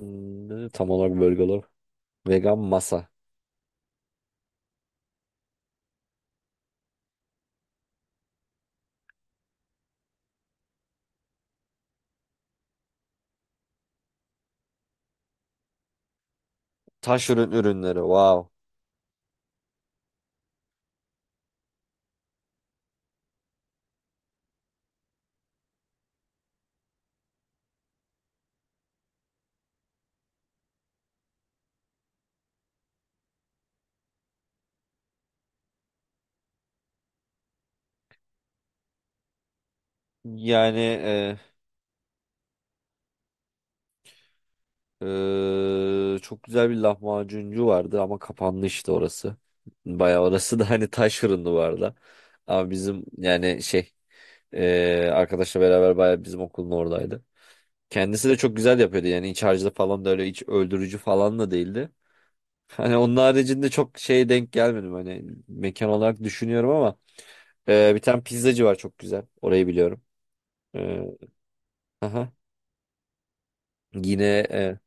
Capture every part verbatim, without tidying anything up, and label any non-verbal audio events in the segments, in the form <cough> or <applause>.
Hmm, ne tam olarak burgerlar? Vegan masa. Taş ürün ürünleri. Wow. Yani e, e, çok güzel bir lahmacuncu vardı ama kapandı işte orası. Bayağı orası da hani taş ürünlü vardı. Ama bizim yani şey e, arkadaşla beraber bayağı bizim okulun oradaydı. Kendisi de çok güzel yapıyordu yani iç harcı da falan da öyle iç öldürücü falan da değildi. <laughs> Hani onun haricinde çok şeye denk gelmedim hani mekan olarak düşünüyorum ama e, bir tane pizzacı var çok güzel. Orayı biliyorum. Ee, aha. Yine e,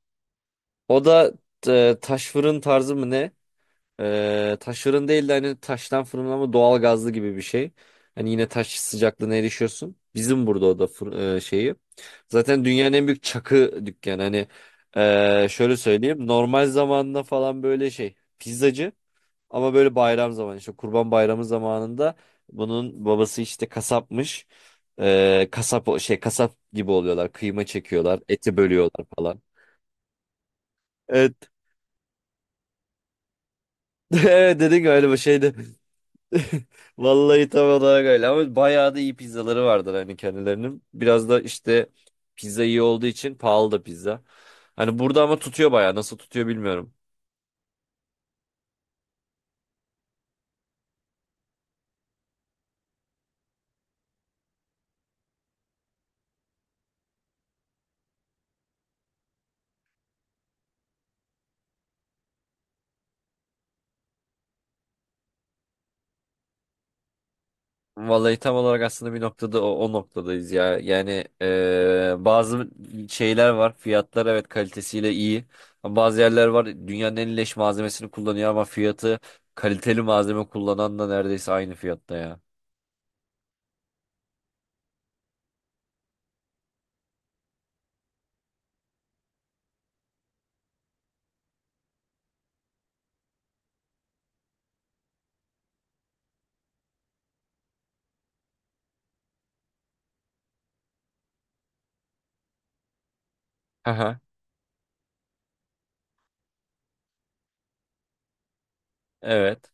o da e, taş fırın tarzı mı ne? Ee, taş fırın değil de hani taştan fırın ama doğal gazlı gibi bir şey. Hani yine taş sıcaklığına erişiyorsun. Bizim burada o da fır- e, şeyi. Zaten dünyanın en büyük çakı dükkanı. Hani e, şöyle söyleyeyim. Normal zamanında falan böyle şey. Pizzacı. Ama böyle bayram zamanı işte Kurban Bayramı zamanında bunun babası işte kasapmış. Ee, kasap o- şey kasap gibi oluyorlar. Kıyma çekiyorlar, eti bölüyorlar falan. Evet. <laughs> Evet dedin ki öyle bir şeydi. <laughs> Vallahi tam olarak öyle ama bayağı da iyi pizzaları vardır hani kendilerinin. Biraz da işte pizza iyi olduğu için pahalı da pizza. Hani burada ama tutuyor bayağı. Nasıl tutuyor bilmiyorum. Vallahi tam olarak aslında bir noktada o, o noktadayız ya. Yani eee, bazı şeyler var. Fiyatlar evet kalitesiyle iyi. Ama bazı yerler var dünyanın en leş malzemesini kullanıyor ama fiyatı kaliteli malzeme kullanan da neredeyse aynı fiyatta ya. Aha. Evet.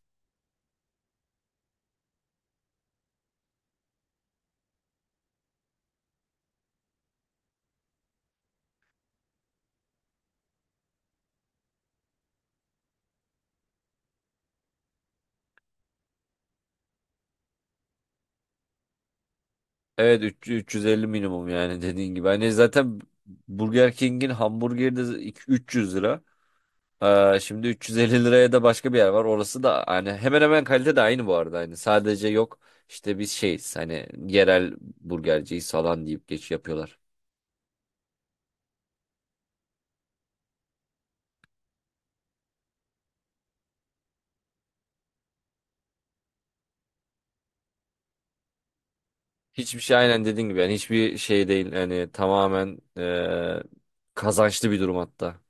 Evet üç- 350 minimum yani dediğin gibi. Hani zaten Burger King'in hamburgeri de iki- üç yüz lira. Ee, şimdi üç yüz elli liraya da başka bir yer var. Orası da hani hemen hemen kalite de aynı bu arada. Hani sadece yok işte biz şeyiz hani yerel burgerciyiz falan deyip geç yapıyorlar. Hiçbir şey aynen dediğin gibi yani hiçbir şey değil. Hani tamamen eee, kazançlı bir durum hatta.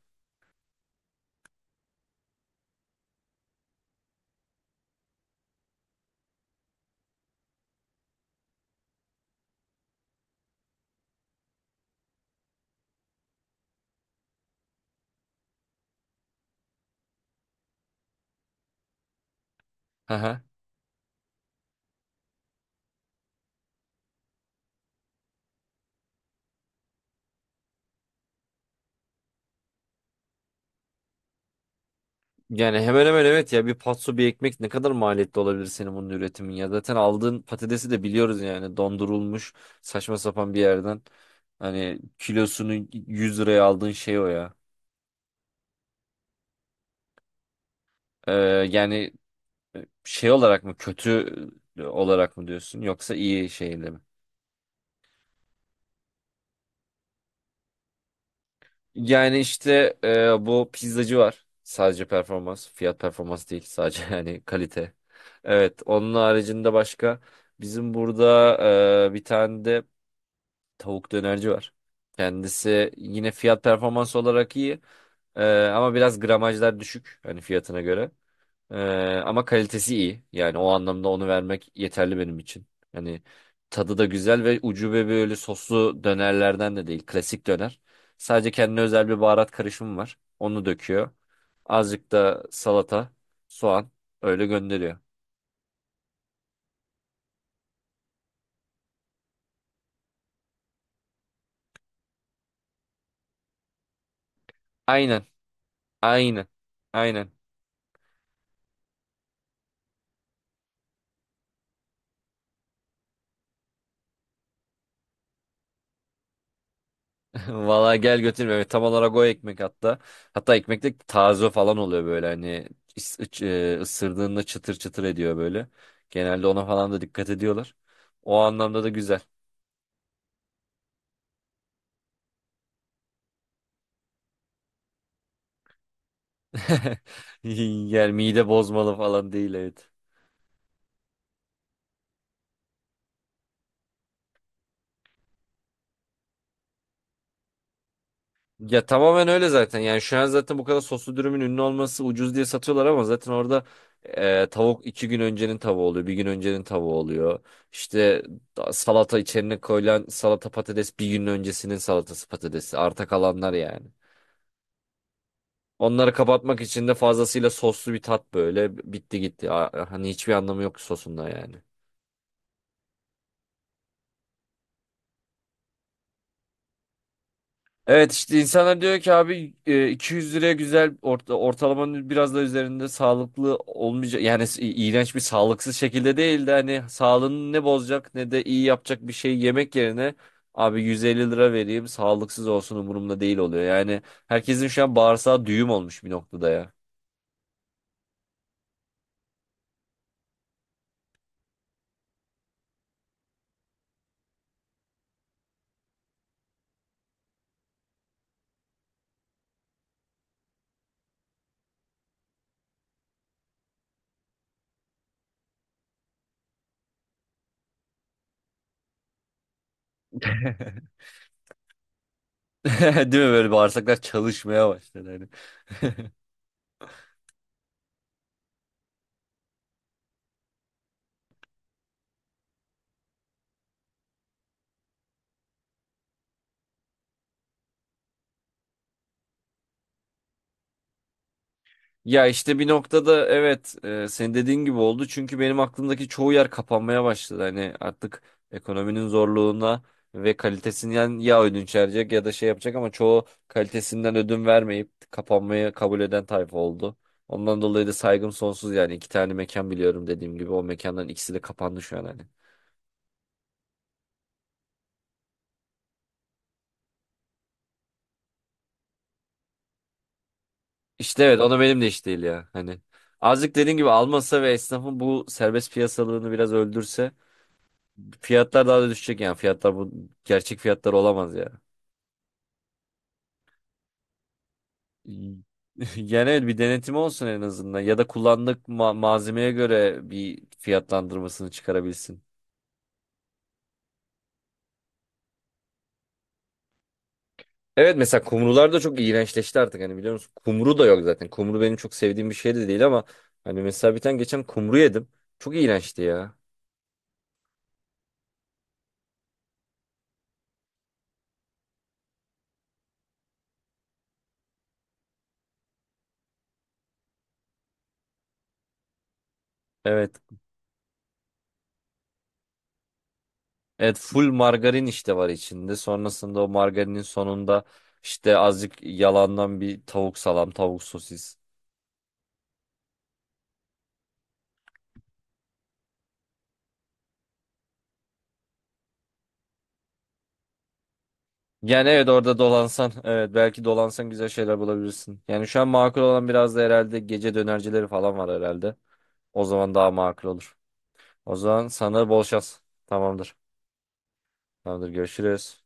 Hı hı. Yani hemen hemen evet ya bir patso bir ekmek ne kadar maliyetli olabilir senin bunun üretimin ya. Zaten aldığın patatesi de biliyoruz yani dondurulmuş saçma sapan bir yerden. Hani kilosunu yüz liraya aldığın şey o ya. Ee, yani e, şey olarak mı kötü olarak mı diyorsun yoksa iyi şeyle mi? Yani işte e, bu pizzacı var. Sadece performans, fiyat performans değil sadece <laughs> yani kalite. Evet, onun haricinde başka bizim burada e, bir tane de tavuk dönerci var. Kendisi yine fiyat performans olarak iyi. E, ama biraz gramajlar düşük hani fiyatına göre. Ee, ama kalitesi iyi. Yani o anlamda onu vermek yeterli benim için. Yani tadı da güzel ve ucube böyle soslu dönerlerden de değil. Klasik döner. Sadece kendine özel bir baharat karışımı var. Onu döküyor. Azıcık da salata, soğan öyle gönderiyor. Aynen. Aynen. Aynen. <laughs> Valla gel götür Mehmet. Tam olarak o ekmek hatta. Hatta ekmek de taze falan oluyor böyle hani is- ıç- e, ısırdığında çıtır çıtır ediyor böyle. Genelde ona falan da dikkat ediyorlar. O anlamda da güzel. <laughs> Yani mide bozmalı falan değil evet. Ya tamamen öyle zaten. Yani şu an zaten bu kadar soslu dürümün ünlü olması ucuz diye satıyorlar ama zaten orada e, tavuk iki gün öncenin tavuğu oluyor. Bir gün öncenin tavuğu oluyor. İşte da- salata içerine koyulan salata patates bir gün öncesinin salatası patatesi. Arta kalanlar yani. Onları kapatmak için de fazlasıyla soslu bir tat böyle bitti gitti. A- Hani hiçbir anlamı yok sosunda yani. Evet işte insanlar diyor ki abi e, iki yüz liraya güzel orta, ortalamanın biraz da üzerinde sağlıklı olmayacak yani s- iğrenç bir sağlıksız şekilde değil de hani sağlığını ne bozacak ne de iyi yapacak bir şey yemek yerine abi yüz elli lira vereyim sağlıksız olsun umurumda değil oluyor. Yani herkesin şu an bağırsağı düğüm olmuş bir noktada ya. <laughs> <laughs> Değil mi böyle bağırsaklar çalışmaya başladı hani. <laughs> Ya işte bir noktada evet e, senin dediğin gibi oldu. Çünkü benim aklımdaki çoğu yer kapanmaya başladı. Hani artık ekonominin zorluğuna ve kalitesinden ya ödünç verecek ya da şey yapacak ama çoğu kalitesinden ödün vermeyip kapanmayı kabul eden tayfa oldu. Ondan dolayı da saygım sonsuz yani iki tane mekan biliyorum dediğim gibi o mekanların ikisi de kapandı şu an hani. İşte evet o da benim de iş değil ya hani. Azıcık dediğin gibi almasa ve esnafın bu serbest piyasalığını biraz öldürse fiyatlar daha da düşecek yani. Fiyatlar bu gerçek fiyatlar olamaz ya. <laughs> Yani evet bir denetimi olsun en azından. Ya da kullandık ma- malzemeye göre bir fiyatlandırmasını çıkarabilsin. Evet mesela kumrular da çok iğrençleşti artık hani biliyor musun? Kumru da yok zaten. Kumru benim çok sevdiğim bir şey de değil ama hani mesela bir tane geçen kumru yedim. Çok iğrençti ya. Evet. Evet full margarin işte var içinde. Sonrasında o margarinin sonunda işte azıcık yalandan bir tavuk salam, tavuk sosis. Yani evet orada dolansan evet belki dolansan güzel şeyler bulabilirsin. Yani şu an makul olan biraz da herhalde gece dönercileri falan var herhalde. O zaman daha makul olur. O zaman sana bol şans. Tamamdır. Tamamdır görüşürüz.